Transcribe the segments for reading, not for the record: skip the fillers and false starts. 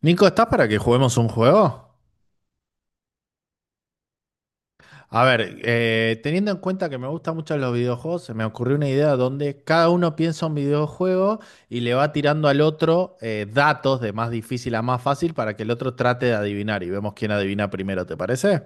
Nico, ¿estás para que juguemos un juego? A ver, teniendo en cuenta que me gustan mucho los videojuegos, se me ocurrió una idea donde cada uno piensa un videojuego y le va tirando al otro datos de más difícil a más fácil para que el otro trate de adivinar y vemos quién adivina primero, ¿te parece?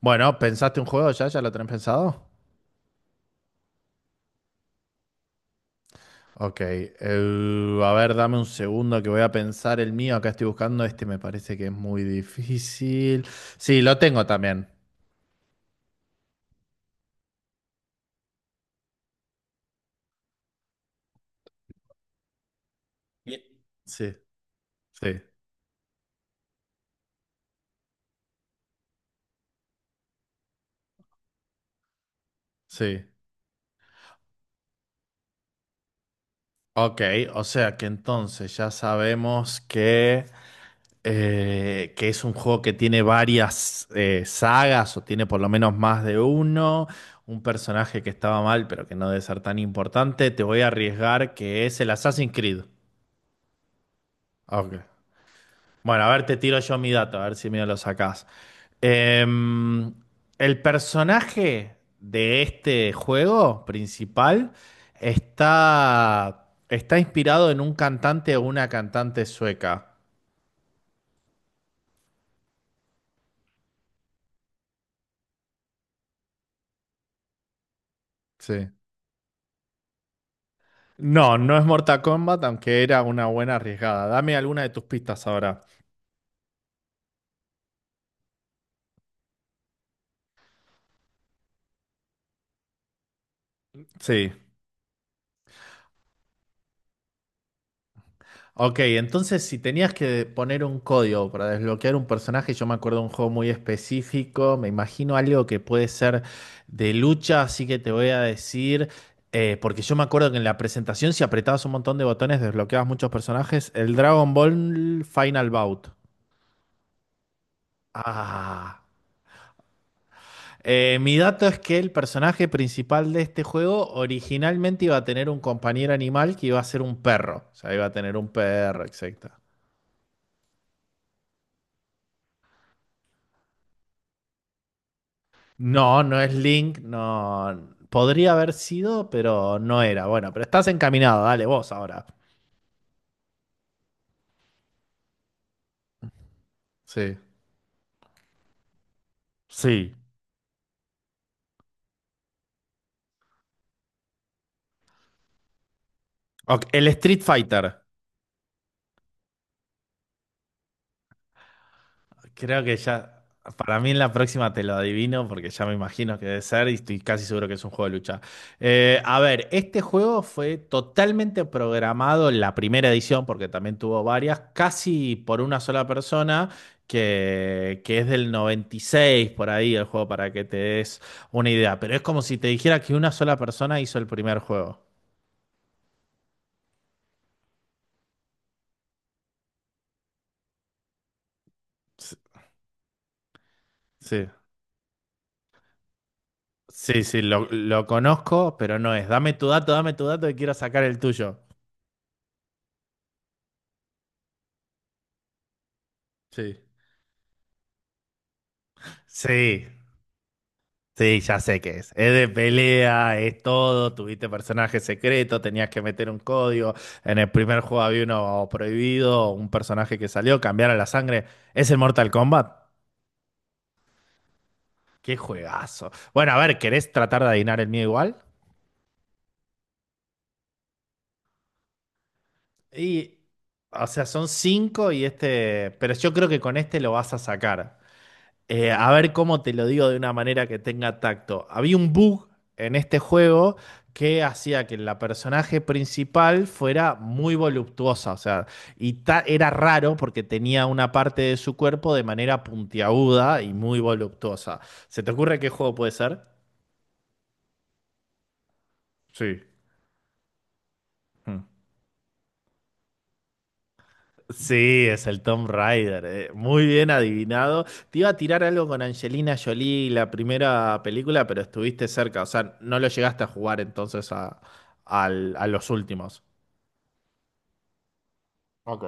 Bueno, ¿pensaste un juego ya? ¿Ya lo tenés pensado? Ok, a ver, dame un segundo que voy a pensar el mío. Acá estoy buscando, este me parece que es muy difícil. Sí, lo tengo también. Sí, sí, sí. Ok, o sea que entonces ya sabemos que es un juego que tiene varias sagas o tiene por lo menos más de uno, un personaje que estaba mal pero que no debe ser tan importante. Te voy a arriesgar que es el Assassin's Creed. Ok. Bueno, a ver, te tiro yo mi dato, a ver si me lo sacás. Em, el personaje de este juego principal está inspirado en un cantante o una cantante sueca. Sí. No, no es Mortal Kombat, aunque era una buena arriesgada. Dame alguna de tus pistas ahora. Sí. Ok, entonces si tenías que poner un código para desbloquear un personaje, yo me acuerdo de un juego muy específico, me imagino algo que puede ser de lucha, así que te voy a decir, porque yo me acuerdo que en la presentación si apretabas un montón de botones desbloqueabas muchos personajes, el Dragon Ball Final Bout. Ah. Mi dato es que el personaje principal de este juego originalmente iba a tener un compañero animal que iba a ser un perro, o sea, iba a tener un perro, exacto. No, no es Link, no. Podría haber sido, pero no era. Bueno, pero estás encaminado, dale vos ahora. Sí. Sí. Ok, el Street Fighter. Creo que ya, para mí en la próxima te lo adivino porque ya me imagino que debe ser y estoy casi seguro que es un juego de lucha. A ver, este juego fue totalmente programado en la primera edición, porque también tuvo varias, casi por una sola persona, que es del 96 por ahí el juego para que te des una idea. Pero es como si te dijera que una sola persona hizo el primer juego. S- Sí, sí, sí, lo conozco, pero no es. Dame tu dato y quiero sacar el tuyo. Sí. Sí, sí, ya sé qué es. Es de pelea, es todo. Tuviste personajes secretos, tenías que meter un código. En el primer juego había uno prohibido, un personaje que salió, cambiar a la sangre. ¿Es el Mortal Kombat? ¡Qué juegazo! Bueno, a ver, ¿querés tratar de adivinar el mío igual? Y, o sea, son cinco y este. Pero yo creo que con este lo vas a sacar. A ver cómo te lo digo de una manera que tenga tacto. Había un bug en este juego que hacía que la personaje principal fuera muy voluptuosa, o sea, y era raro porque tenía una parte de su cuerpo de manera puntiaguda y muy voluptuosa. ¿Se te ocurre qué juego puede ser? Sí. Mm. Sí, es el Tom Raider. Eh. Muy bien adivinado. Te iba a tirar algo con Angelina Jolie, la primera película, pero estuviste cerca. O sea, no lo llegaste a jugar entonces a, a los últimos. Ok.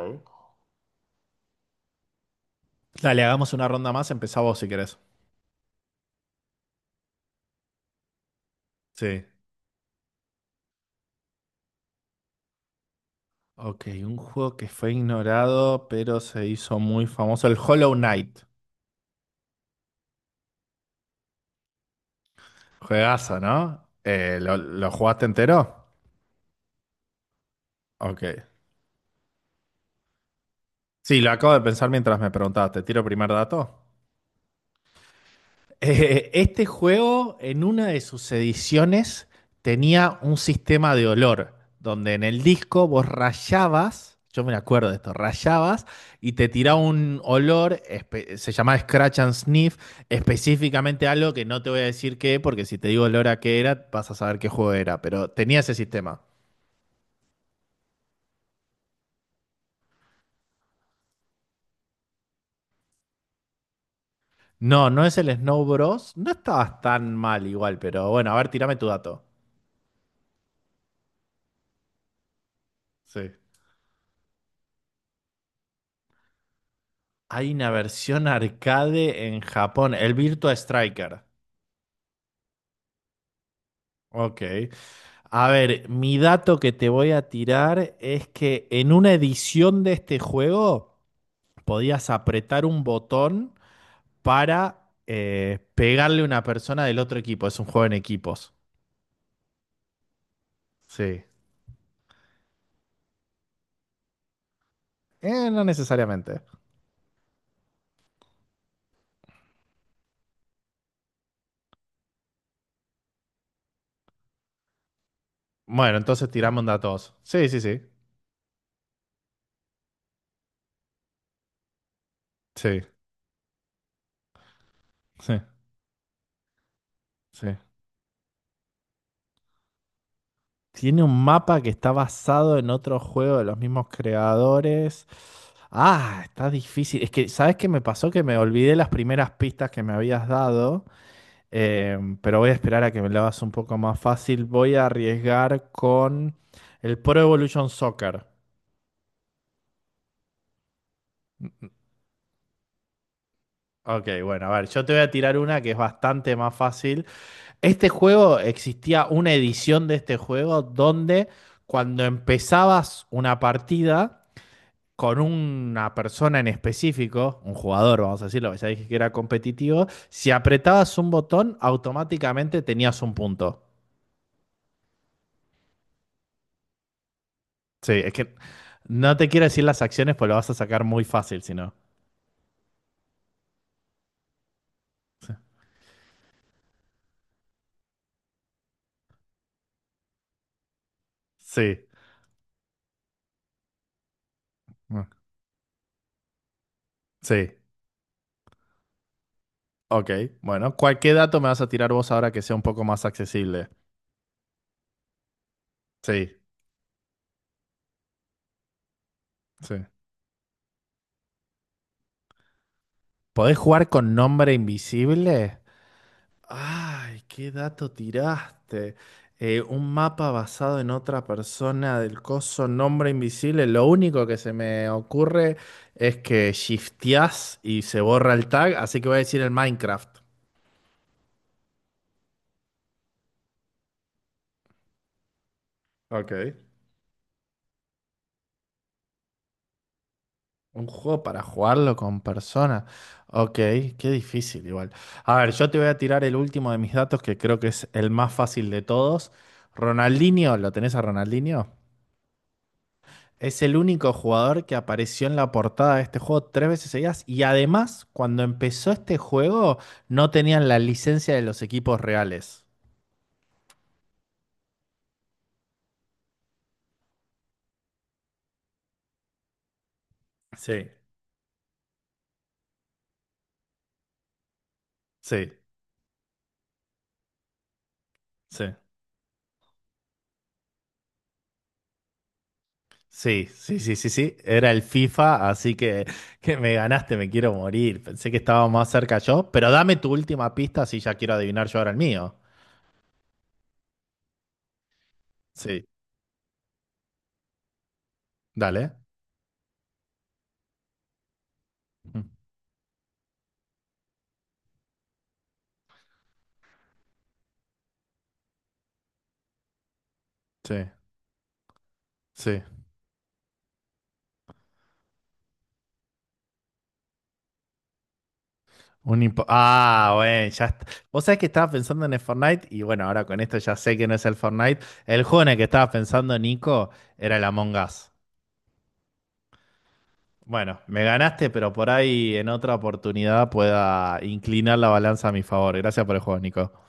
Dale, hagamos una ronda más. Empezá vos si querés. Sí. Ok, un juego que fue ignorado, pero se hizo muy famoso. El Hollow Knight. Juegazo, ¿no? Lo jugaste entero? Ok. Sí, lo acabo de pensar mientras me preguntabas. ¿Te tiro primer dato? Este juego, en una de sus ediciones, tenía un sistema de olor, donde en el disco vos rayabas, yo me acuerdo de esto, rayabas y te tiraba un olor, se llamaba Scratch and Sniff, específicamente algo que no te voy a decir qué, porque si te digo olor a qué era, vas a saber qué juego era, pero tenía ese sistema. No, no es el Snow Bros. No estabas tan mal igual, pero bueno, a ver, tirame tu dato. Sí. Hay una versión arcade en Japón, el Virtua Striker. Ok. A ver, mi dato que te voy a tirar es que en una edición de este juego podías apretar un botón para pegarle a una persona del otro equipo. Es un juego en equipos. Sí. No necesariamente. Bueno, entonces tiramos datos. Sí, sí, sí. Sí, sí, sí. Tiene un mapa que está basado en otro juego de los mismos creadores. Ah, está difícil. Es que, ¿sabes qué me pasó? Que me olvidé las primeras pistas que me habías dado, pero voy a esperar a que me lo hagas un poco más fácil. Voy a arriesgar con el Pro Evolution Soccer. Ok, bueno, a ver, yo te voy a tirar una que es bastante más fácil. Este juego, existía una edición de este juego donde cuando empezabas una partida con una persona en específico, un jugador, vamos a decirlo, ya dije que era competitivo, si apretabas un botón, automáticamente tenías un punto. Sí, es que no te quiero decir las acciones, pues lo vas a sacar muy fácil, si no. Sí, mm, sí, ok. Bueno, cualquier dato me vas a tirar vos ahora que sea un poco más accesible. Sí, sí. ¿Podés jugar con nombre invisible? Ay, qué dato tiraste. Un mapa basado en otra persona del coso nombre invisible. Lo único que se me ocurre es que shifteás y se borra el tag, así que voy a decir el Minecraft. Ok. Un juego para jugarlo con personas. Ok, qué difícil igual. A ver, yo te voy a tirar el último de mis datos que creo que es el más fácil de todos. Ronaldinho, ¿lo tenés a Ronaldinho? Es el único jugador que apareció en la portada de este juego tres veces seguidas. Y además, cuando empezó este juego, no tenían la licencia de los equipos reales. Sí, sí, sí. Sí, sí, sí, sí, sí. Era el FIFA, así que me ganaste, me quiero morir. Pensé que estaba más cerca yo, pero dame tu última pista si ya quiero adivinar yo ahora el mío. Sí, dale. Mm, sí, sí. Ah, bueno, ya está. Vos sabés que estaba pensando en el Fortnite y bueno, ahora con esto ya sé que no es el Fortnite. El juego en el que estaba pensando, Nico, era el Among Us. Bueno, me ganaste, pero por ahí en otra oportunidad pueda inclinar la balanza a mi favor. Gracias por el juego, Nico.